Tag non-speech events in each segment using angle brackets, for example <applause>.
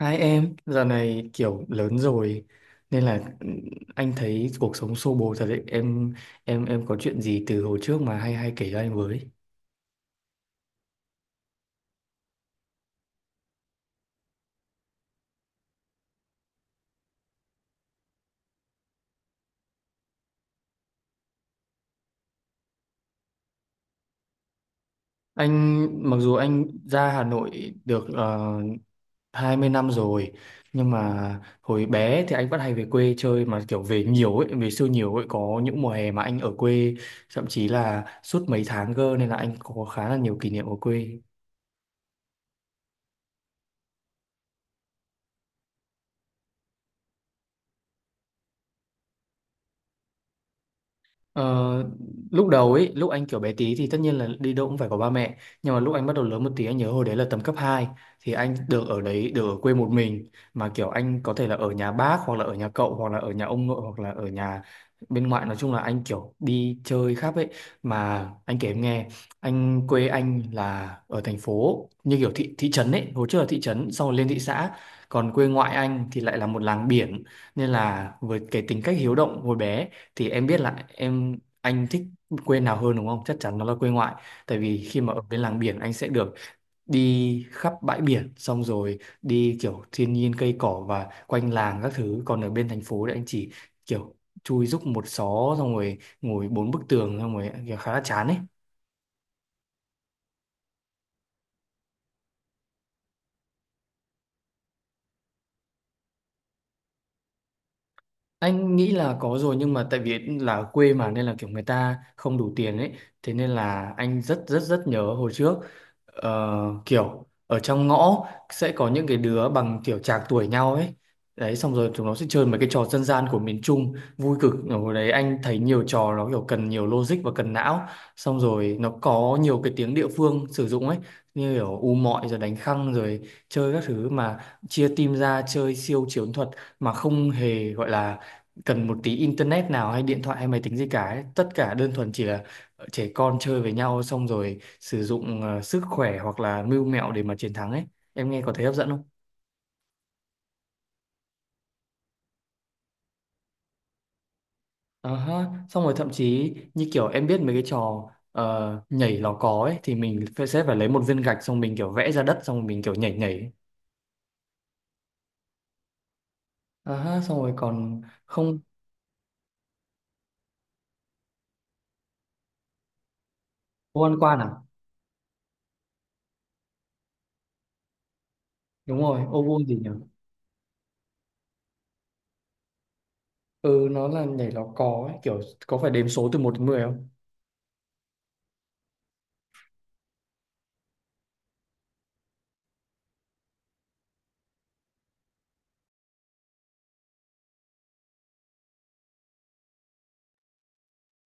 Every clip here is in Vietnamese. Hai em, giờ này kiểu lớn rồi nên là anh thấy cuộc sống xô bồ thật đấy. Em có chuyện gì từ hồi trước mà hay hay kể cho anh với. Anh mặc dù anh ra Hà Nội được 20 năm rồi nhưng mà hồi bé thì anh vẫn hay về quê chơi mà kiểu về nhiều ấy, về siêu nhiều ấy, có những mùa hè mà anh ở quê thậm chí là suốt mấy tháng cơ nên là anh có khá là nhiều kỷ niệm ở quê. Ờ, lúc đầu ấy, lúc anh kiểu bé tí thì tất nhiên là đi đâu cũng phải có ba mẹ. Nhưng mà lúc anh bắt đầu lớn một tí anh nhớ hồi đấy là tầm cấp hai. Thì anh được ở đấy, được ở quê một mình. Mà kiểu anh có thể là ở nhà bác hoặc là ở nhà cậu hoặc là ở nhà ông nội hoặc là ở nhà bên ngoại. Nói chung là anh kiểu đi chơi khắp ấy. Mà anh kể em nghe, anh quê anh là ở thành phố như kiểu thị trấn ấy. Hồi trước là thị trấn, sau rồi lên thị xã. Còn quê ngoại anh thì lại là một làng biển. Nên là với cái tính cách hiếu động hồi bé thì em biết là em anh thích quê nào hơn đúng không? Chắc chắn nó là quê ngoại. Tại vì khi mà ở bên làng biển anh sẽ được đi khắp bãi biển xong rồi đi kiểu thiên nhiên cây cỏ và quanh làng các thứ. Còn ở bên thành phố thì anh chỉ kiểu chui rúc một xó xong rồi ngồi bốn bức tường xong rồi kiểu khá là chán ấy. Anh nghĩ là có rồi nhưng mà tại vì là ở quê mà nên là kiểu người ta không đủ tiền ấy. Thế nên là anh rất rất rất nhớ hồi trước, ờ, kiểu ở trong ngõ sẽ có những cái đứa bằng kiểu trạc tuổi nhau ấy. Đấy, xong rồi chúng nó sẽ chơi mấy cái trò dân gian của miền Trung vui cực. Ở hồi đấy anh thấy nhiều trò nó kiểu cần nhiều logic và cần não. Xong rồi nó có nhiều cái tiếng địa phương sử dụng ấy, như kiểu u mọi rồi đánh khăng rồi chơi các thứ mà chia team ra chơi siêu chiến thuật mà không hề gọi là cần một tí internet nào hay điện thoại hay máy tính gì cả ấy. Tất cả đơn thuần chỉ là trẻ con chơi với nhau xong rồi sử dụng sức khỏe hoặc là mưu mẹo để mà chiến thắng ấy, em nghe có thấy hấp dẫn không? Ờ ha. Xong rồi thậm chí như kiểu em biết mấy cái trò nhảy lò cò ấy thì mình phải sẽ phải lấy một viên gạch xong mình kiểu vẽ ra đất xong mình kiểu nhảy nhảy ấy. Ờ ha, xong rồi còn không? Ô ăn quan à? Đúng rồi, ô vuông gì nhỉ? Ừ, nó là nhảy lò cò ấy, kiểu có phải đếm số từ một đến 10 không?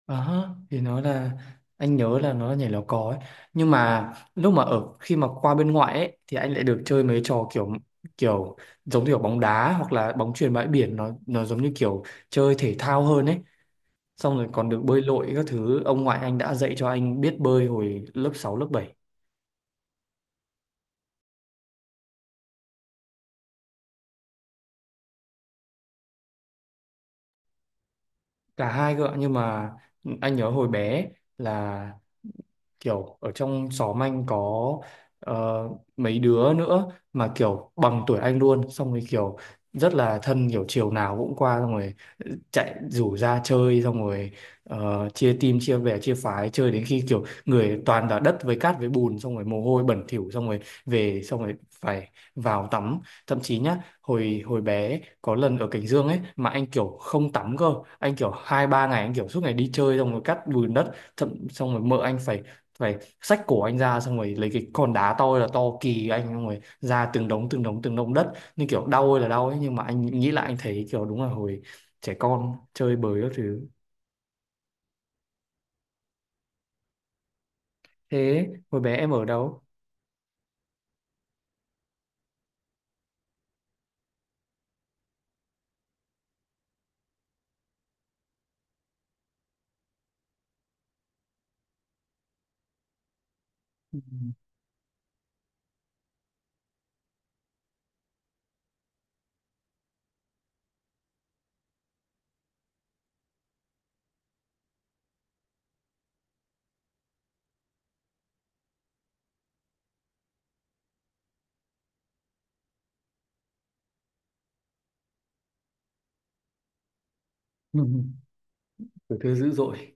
À ha, thì nó là anh nhớ là nó là nhảy lò cò ấy, nhưng mà lúc mà ở khi mà qua bên ngoại ấy thì anh lại được chơi mấy trò kiểu kiểu giống như kiểu bóng đá hoặc là bóng chuyền bãi biển, nó giống như kiểu chơi thể thao hơn ấy, xong rồi còn được bơi lội các thứ, ông ngoại anh đã dạy cho anh biết bơi hồi lớp 6 lớp 7. Cả hai cơ ạ. Nhưng mà anh nhớ hồi bé là kiểu ở trong xóm anh có ờ, mấy đứa nữa mà kiểu bằng tuổi anh luôn, xong rồi kiểu rất là thân, kiểu chiều nào cũng qua xong rồi chạy rủ ra chơi xong rồi chia team chia bè chia phái chơi đến khi kiểu người toàn là đất với cát với bùn xong rồi mồ hôi bẩn thỉu xong rồi về xong rồi phải vào tắm. Thậm chí nhá, hồi hồi bé có lần ở Cảnh Dương ấy mà anh kiểu không tắm cơ, anh kiểu hai ba ngày anh kiểu suốt ngày đi chơi xong rồi cắt bùn đất, thậm xong rồi mợ anh phải phải xách cổ anh ra xong rồi lấy cái con đá to ơi là to kỳ anh xong rồi ra từng đống từng đống từng đống đất như kiểu đau ơi là đau ấy, nhưng mà anh nghĩ lại anh thấy kiểu đúng là hồi trẻ con chơi bời các thứ. Thế hồi bé em ở đâu? Ừ. <laughs> Tuổi thơ dữ dội.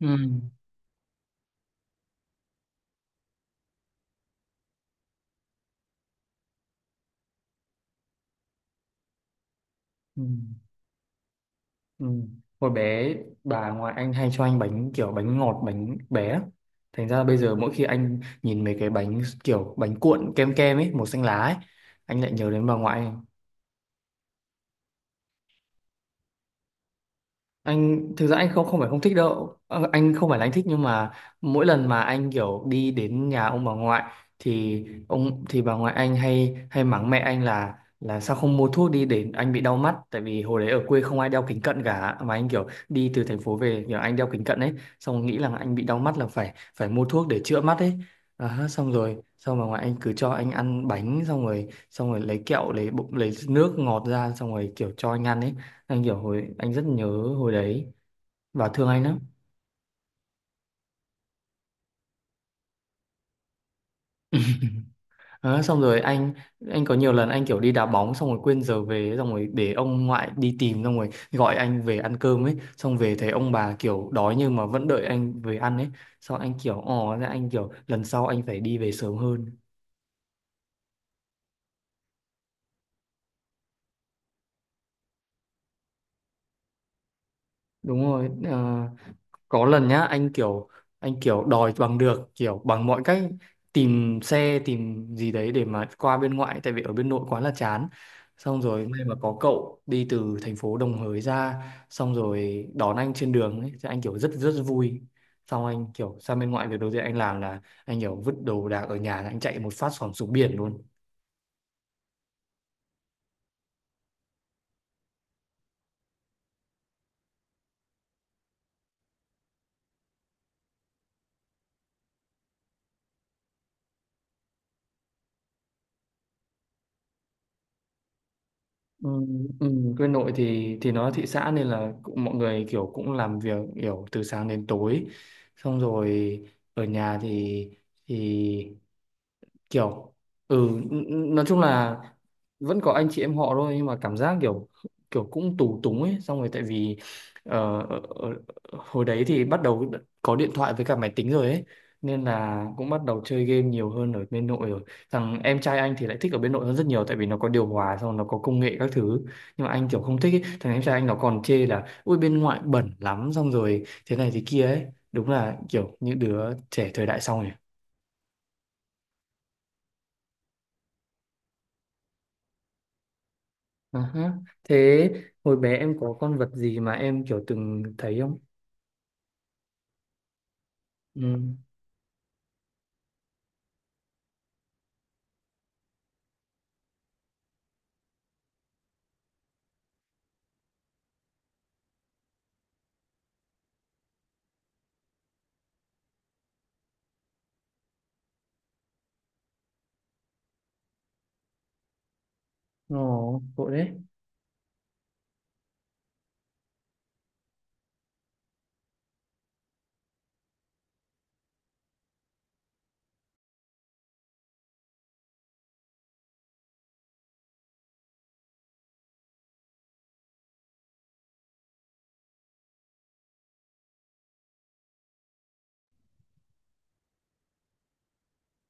Ừ. Ừ. Ừ. Hồi bé bà ngoại anh hay cho anh bánh kiểu bánh ngọt bánh bé á. Thành ra bây giờ mỗi khi anh nhìn mấy cái bánh kiểu bánh cuộn kem kem ấy màu xanh lá ấy, anh lại nhớ đến bà ngoại. Anh thực ra anh không không phải không thích đâu. Ờ, anh không phải là anh thích, nhưng mà mỗi lần mà anh kiểu đi đến nhà ông bà ngoại thì ông thì bà ngoại anh hay hay mắng mẹ anh là sao không mua thuốc đi để anh bị đau mắt, tại vì hồi đấy ở quê không ai đeo kính cận cả mà anh kiểu đi từ thành phố về kiểu anh đeo kính cận ấy, xong nghĩ là anh bị đau mắt là phải phải mua thuốc để chữa mắt ấy. À, xong rồi xong bà ngoại anh cứ cho anh ăn bánh xong rồi lấy kẹo lấy bụng lấy nước ngọt ra xong rồi kiểu cho anh ăn ấy, anh kiểu hồi anh rất nhớ hồi đấy và thương anh lắm. Đó, xong rồi anh có nhiều lần anh kiểu đi đá bóng xong rồi quên giờ về xong rồi để ông ngoại đi tìm xong rồi gọi anh về ăn cơm ấy, xong về thấy ông bà kiểu đói nhưng mà vẫn đợi anh về ăn ấy, xong anh kiểu ồ ra anh kiểu lần sau anh phải đi về sớm hơn. Đúng rồi. Ờ, có lần nhá anh kiểu đòi bằng được kiểu bằng mọi cách tìm xe tìm gì đấy để mà qua bên ngoại tại vì ở bên nội quá là chán, xong rồi may mà có cậu đi từ thành phố Đồng Hới ra xong rồi đón anh trên đường ấy thì anh kiểu rất rất vui. Xong anh kiểu sang bên ngoại việc đầu tiên anh làm là anh kiểu vứt đồ đạc ở nhà anh chạy một phát xỏng xuống biển luôn. Ừ, ừ, quê nội thì nó thị xã nên là cũng, mọi người kiểu cũng làm việc kiểu từ sáng đến tối, xong rồi ở nhà thì thì kiểu ừ nói chung là vẫn có anh chị em họ thôi, nhưng mà cảm giác kiểu kiểu cũng tù túng ấy, xong rồi tại vì ờ, ờ, ờ, hồi đấy thì bắt đầu có điện thoại với cả máy tính rồi ấy, nên là cũng bắt đầu chơi game nhiều hơn ở bên nội rồi. Thằng em trai anh thì lại thích ở bên nội hơn rất nhiều tại vì nó có điều hòa xong rồi nó có công nghệ các thứ, nhưng mà anh kiểu không thích ấy. Thằng em trai anh nó còn chê là ui bên ngoại bẩn lắm xong rồi thế này thế kia ấy, đúng là kiểu những đứa trẻ thời đại sau nhỉ. À ha. Thế hồi bé em có con vật gì mà em kiểu từng thấy không? Ừ. Ồ, tội đấy.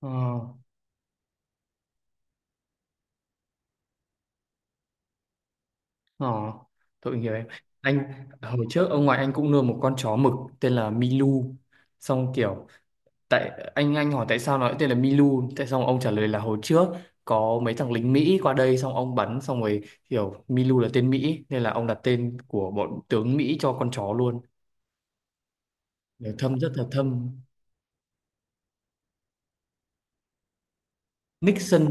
Ờ, ờ, tội nghiệp em. Anh, hồi trước ông ngoại anh cũng nuôi một con chó mực tên là Milu. Xong kiểu, tại anh hỏi tại sao nó lại tên là Milu. Tại xong ông trả lời là hồi trước có mấy thằng lính Mỹ qua đây xong ông bắn xong rồi kiểu Milu là tên Mỹ nên là ông đặt tên của bọn tướng Mỹ cho con chó luôn. Để Thâm rất là thâm. Nixon.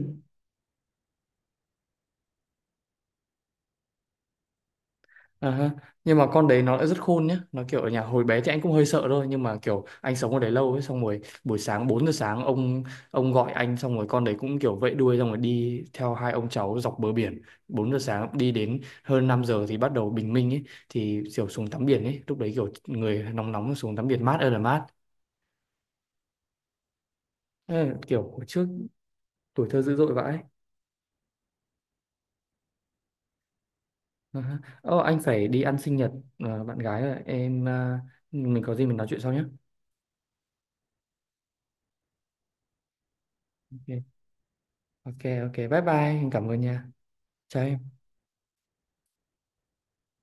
À, ha. Nhưng mà con đấy nó lại rất khôn nhá, nó kiểu ở nhà hồi bé thì anh cũng hơi sợ thôi nhưng mà kiểu anh sống ở đấy lâu ấy, xong rồi buổi sáng 4 giờ sáng ông gọi anh xong rồi con đấy cũng kiểu vẫy đuôi xong rồi đi theo hai ông cháu dọc bờ biển, 4 giờ sáng đi đến hơn 5 giờ thì bắt đầu bình minh ấy, thì kiểu xuống tắm biển ấy, lúc đấy kiểu người nóng nóng xuống tắm biển mát ơi là mát. Ê, kiểu hồi trước tuổi thơ dữ dội vãi. À ha. Ờ, anh phải đi ăn sinh nhật bạn gái rồi em, mình có gì mình nói chuyện sau nhé. Ok, ok, ok, bye bye, cảm ơn nha. Cháy.